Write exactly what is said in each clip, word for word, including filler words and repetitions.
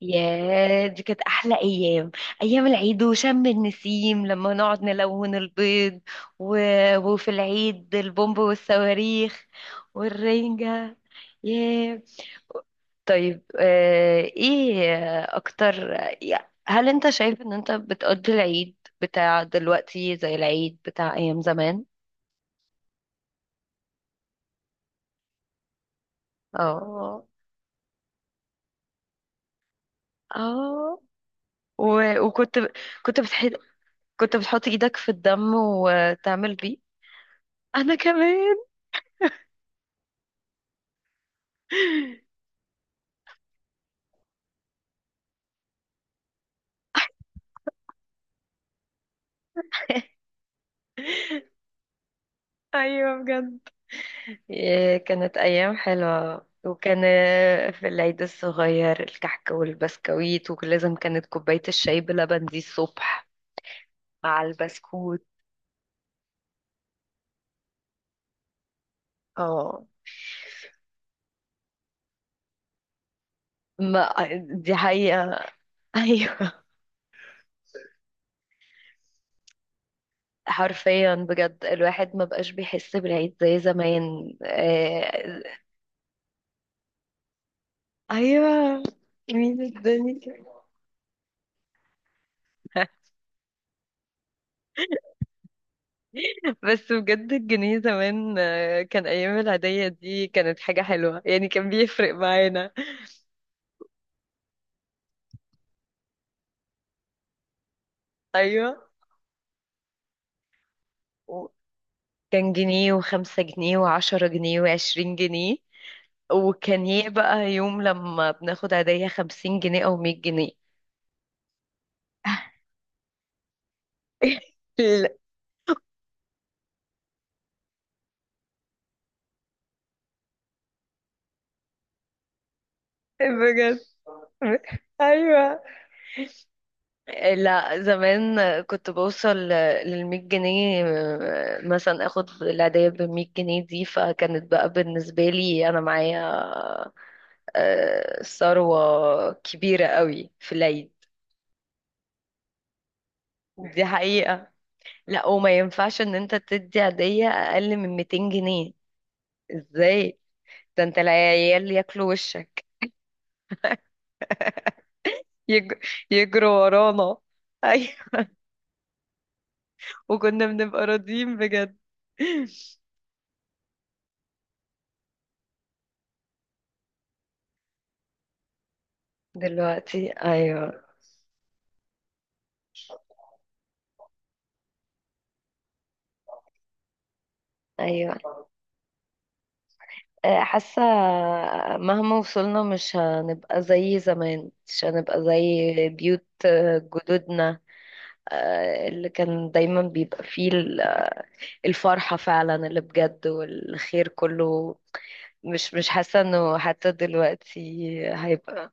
ياه، دي كانت احلى ايام، ايام العيد وشم النسيم لما نقعد نلون البيض. و... وفي العيد البومب والصواريخ والرنجة. ياه. طيب، آه، ايه اكتر؟ يا- هل انت شايف ان انت بتقضي العيد بتاع دلوقتي زي العيد بتاع ايام زمان؟ اه، اه. و- وكنت كنت بتحط كنت بتحط ايدك في الدم وتعمل بيه؟ انا كمان. ايوه، بجد. إيه، كانت أيام حلوة، وكان آه، في العيد الصغير الكحك والبسكويت، ولازم كانت كوباية الشاي بلبن دي الصبح مع البسكوت. اه، ما دي حقيقة. أيوة. حرفيا بجد الواحد ما بقاش بيحس بالعيد زي زمان، آه، أيوة. مين الدنيا؟ بس بجد الجنيه زمان، آه، كان أيام العيدية دي كانت حاجة حلوة، يعني كان بيفرق معانا. أيوة. و- كان جنيه وخمسة جنيه وعشرة جنيه وعشرين جنيه. وكان ايه بقى يوم لما بناخد عيدية خمسين جنيه أو مية جنيه؟ لا، بجد. أيوة. لا، زمان كنت بوصل للمية جنيه، آه، مثلا اخد العيدية بمية جنيه دي، فكانت بقى بالنسبة لي انا معايا آه، ثروة كبيرة قوي في العيد. دي حقيقة. لا، وما ينفعش ان انت تدي هدية اقل من ميتين جنيه. ازاي؟ ده انت العيال ياكلوا وشك. يج... يجروا ورانا. ايوه. وكنا بنبقى راضيين بجد. دلوقتي، ايوه. ايوه. آه، حاسة مهما وصلنا مش هنبقى زي زمان، مش هنبقى زي بيوت آه، جدودنا، آه، اللي كان دايما بيبقى فيه الفرحة فعلا اللي بجد والخير كله. مش مش حاسة انه حتى دلوقتي هيبقى.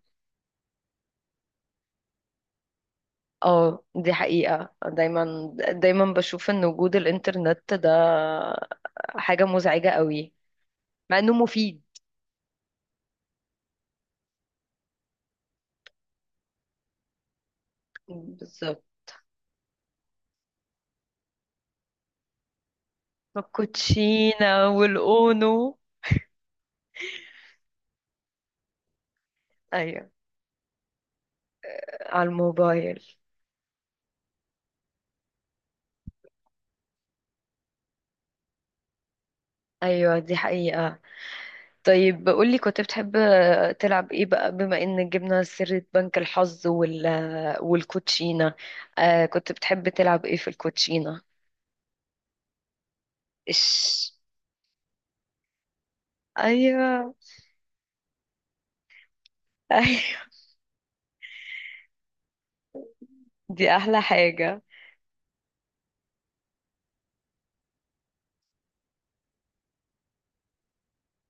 اه، دي حقيقة. دايما دايما بشوف ان وجود الانترنت ده حاجة مزعجة قوي. مع انه مفيد. بالظبط. الكوتشينة والاونو. ايوه. على الموبايل. ايوه، دي حقيقة. طيب قولي، كنت بتحب تلعب ايه بقى بما ان جبنا سيرة بنك الحظ وال والكوتشينة؟ آه، كنت بتحب تلعب ايه في الكوتشينة؟ ايش. ايوه. ايوه، دي احلى حاجة.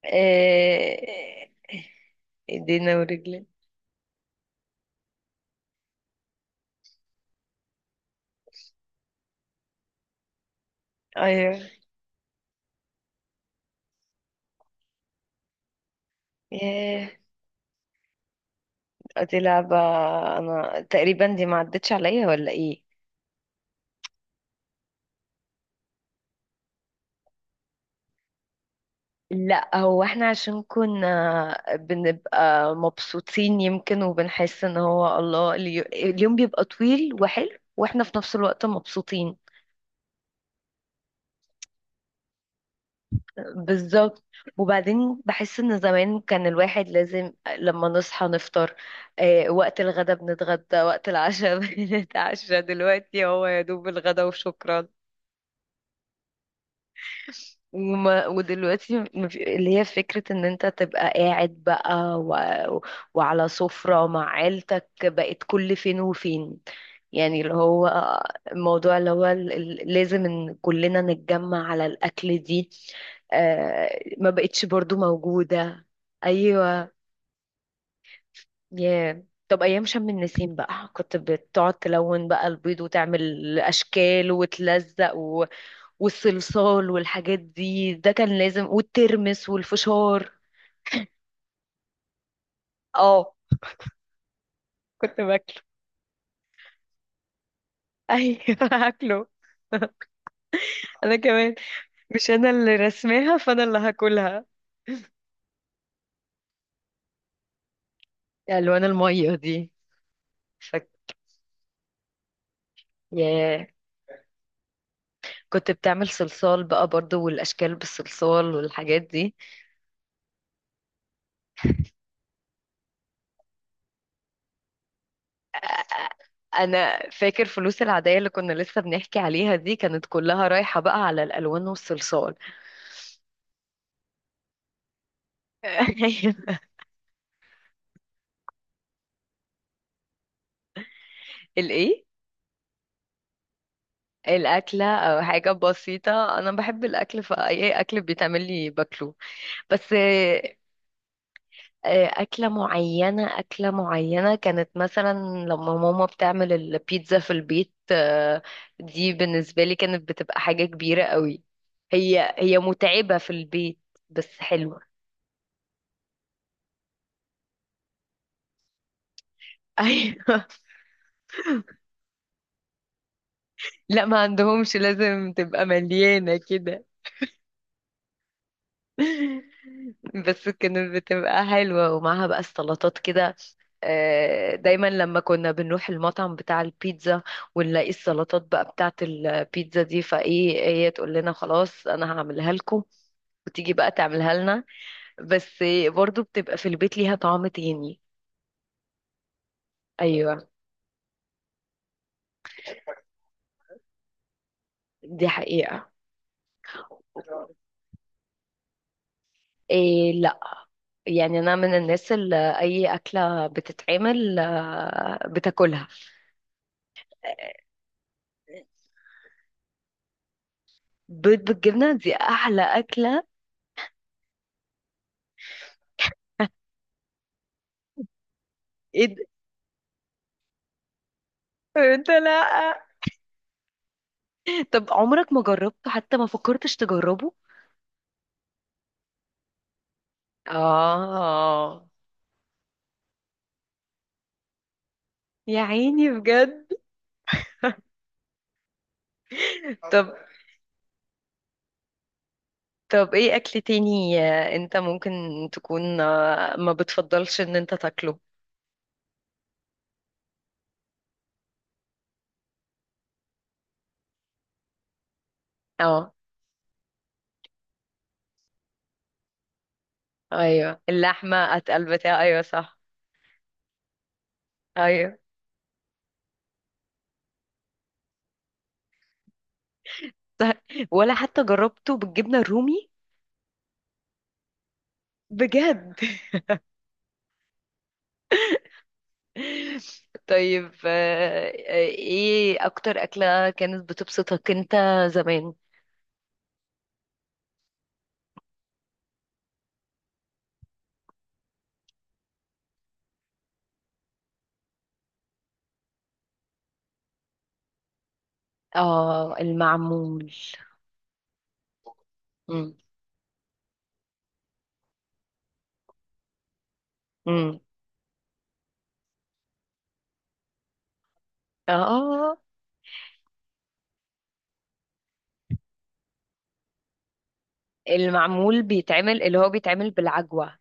آه، ايدينا ورجلينا. ايوه. ياه، دي لعبة. انا تقريبا دي ما عدتش عليا ولا ايه؟ لا، هو احنا عشان كنا بنبقى مبسوطين يمكن، وبنحس ان هو الله اليو- اليوم بيبقى طويل وحلو، واحنا في نفس الوقت مبسوطين. بالظبط. وبعدين بحس ان زمان كان الواحد لازم لما نصحى نفطر، اه، وقت الغدا بنتغدى، وقت العشاء بنتعشى. دلوقتي هو يا دوب الغدا وشكرا. وما ودلوقتي مف- اللي هي فكرة ان انت تبقى قاعد بقى و... وعلى سفرة مع عيلتك بقت كل فين وفين. يعني اللي هو الموضوع، اللي هو ال- ال- لازم ان كلنا نتجمع على الاكل دي، آه ما بقتش برضو موجودة. ايوه. ياه. طب ايام شم النسيم بقى كنت بتقعد تلون بقى البيض وتعمل اشكال وتلزق، والصلصال والحاجات دي، ده كان لازم. والترمس والفشار. اه، كنت باكله. ايوه. هاكله. انا كمان. مش انا اللي رسماها فانا اللي هاكلها. الوان الميه دي. فك... ياه. كنت بتعمل صلصال بقى برضو، والاشكال بالصلصال والحاجات دي. انا فاكر فلوس العاديه اللي كنا لسه بنحكي عليها دي كانت كلها رايحه بقى على الالوان والصلصال. ايوه. الايه؟ الأكلة أو حاجة بسيطة، أنا بحب الأكل فأي أكل بيتعمل لي باكله. بس آه، آه، أكلة معينة أكلة معينة كانت مثلا لما ماما بتعمل البيتزا في البيت، آه، دي بالنسبة لي كانت بتبقى حاجة كبيرة قوي. هي هي متعبة في البيت بس حلوة. أيوة. لا، ما عندهمش، لازم تبقى مليانة كده. بس كانت بتبقى حلوة ومعاها بقى السلطات كده. آه، دايما لما كنا بنروح المطعم بتاع البيتزا ونلاقي السلطات بقى بتاعة البيتزا دي، فايه هي تقول لنا خلاص انا هعملها لكم، وتيجي بقى تعملها لنا. بس برضو بتبقى في البيت ليها طعم تاني. ايوه. دي حقيقة. إيه، لا. يعني انا من الناس اللي اي اكله بتتعمل آه، بتاكلها. بيض بالجبنه دي احلى اكله. ايه ده؟ انت لا. طب عمرك ما جربته؟ حتى ما فكرتش تجربه؟ آه، يا عيني، بجد. طب طب ايه اكل تاني آه، انت ممكن تكون آه، ما بتفضلش ان انت تاكله؟ اه. ايوه، اللحمة اتقل، بتاع، ايوه، صح. ايوه، صح. ولا حتى جربته بالجبنة الرومي؟ بجد. طيب، آه، آه، ايه اكتر اكلة كانت بتبسطك انت زمان؟ اه، المعمول. امم. امم. اه المعمول بيتعمل، اللي هو بيتعمل بالعجوة.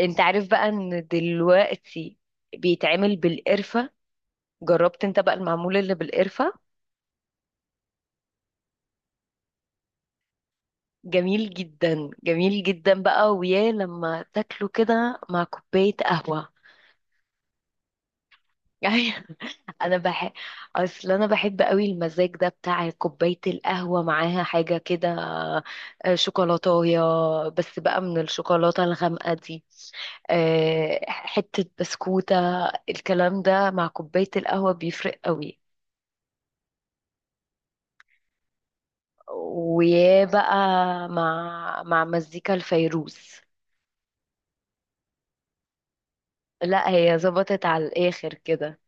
انت عارف بقى ان دلوقتي بيتعمل بالقرفة؟ جربت انت بقى المعمول اللي بالقرفة؟ جميل جدا، جميل جدا بقى، ويا لما تاكله كده مع كوباية قهوة. انا بحب، اصل انا بحب قوي المزاج ده بتاع كوباية القهوة معاها حاجة كده، آه، شوكولاتاية، بس بقى من الشوكولاتة الغامقة دي، آه، حتة بسكوتة. الكلام ده مع كوباية القهوة بيفرق قوي. ويا بقى مع مع مزيكا الفيروز. لا، هي ظبطت على الآخر كده.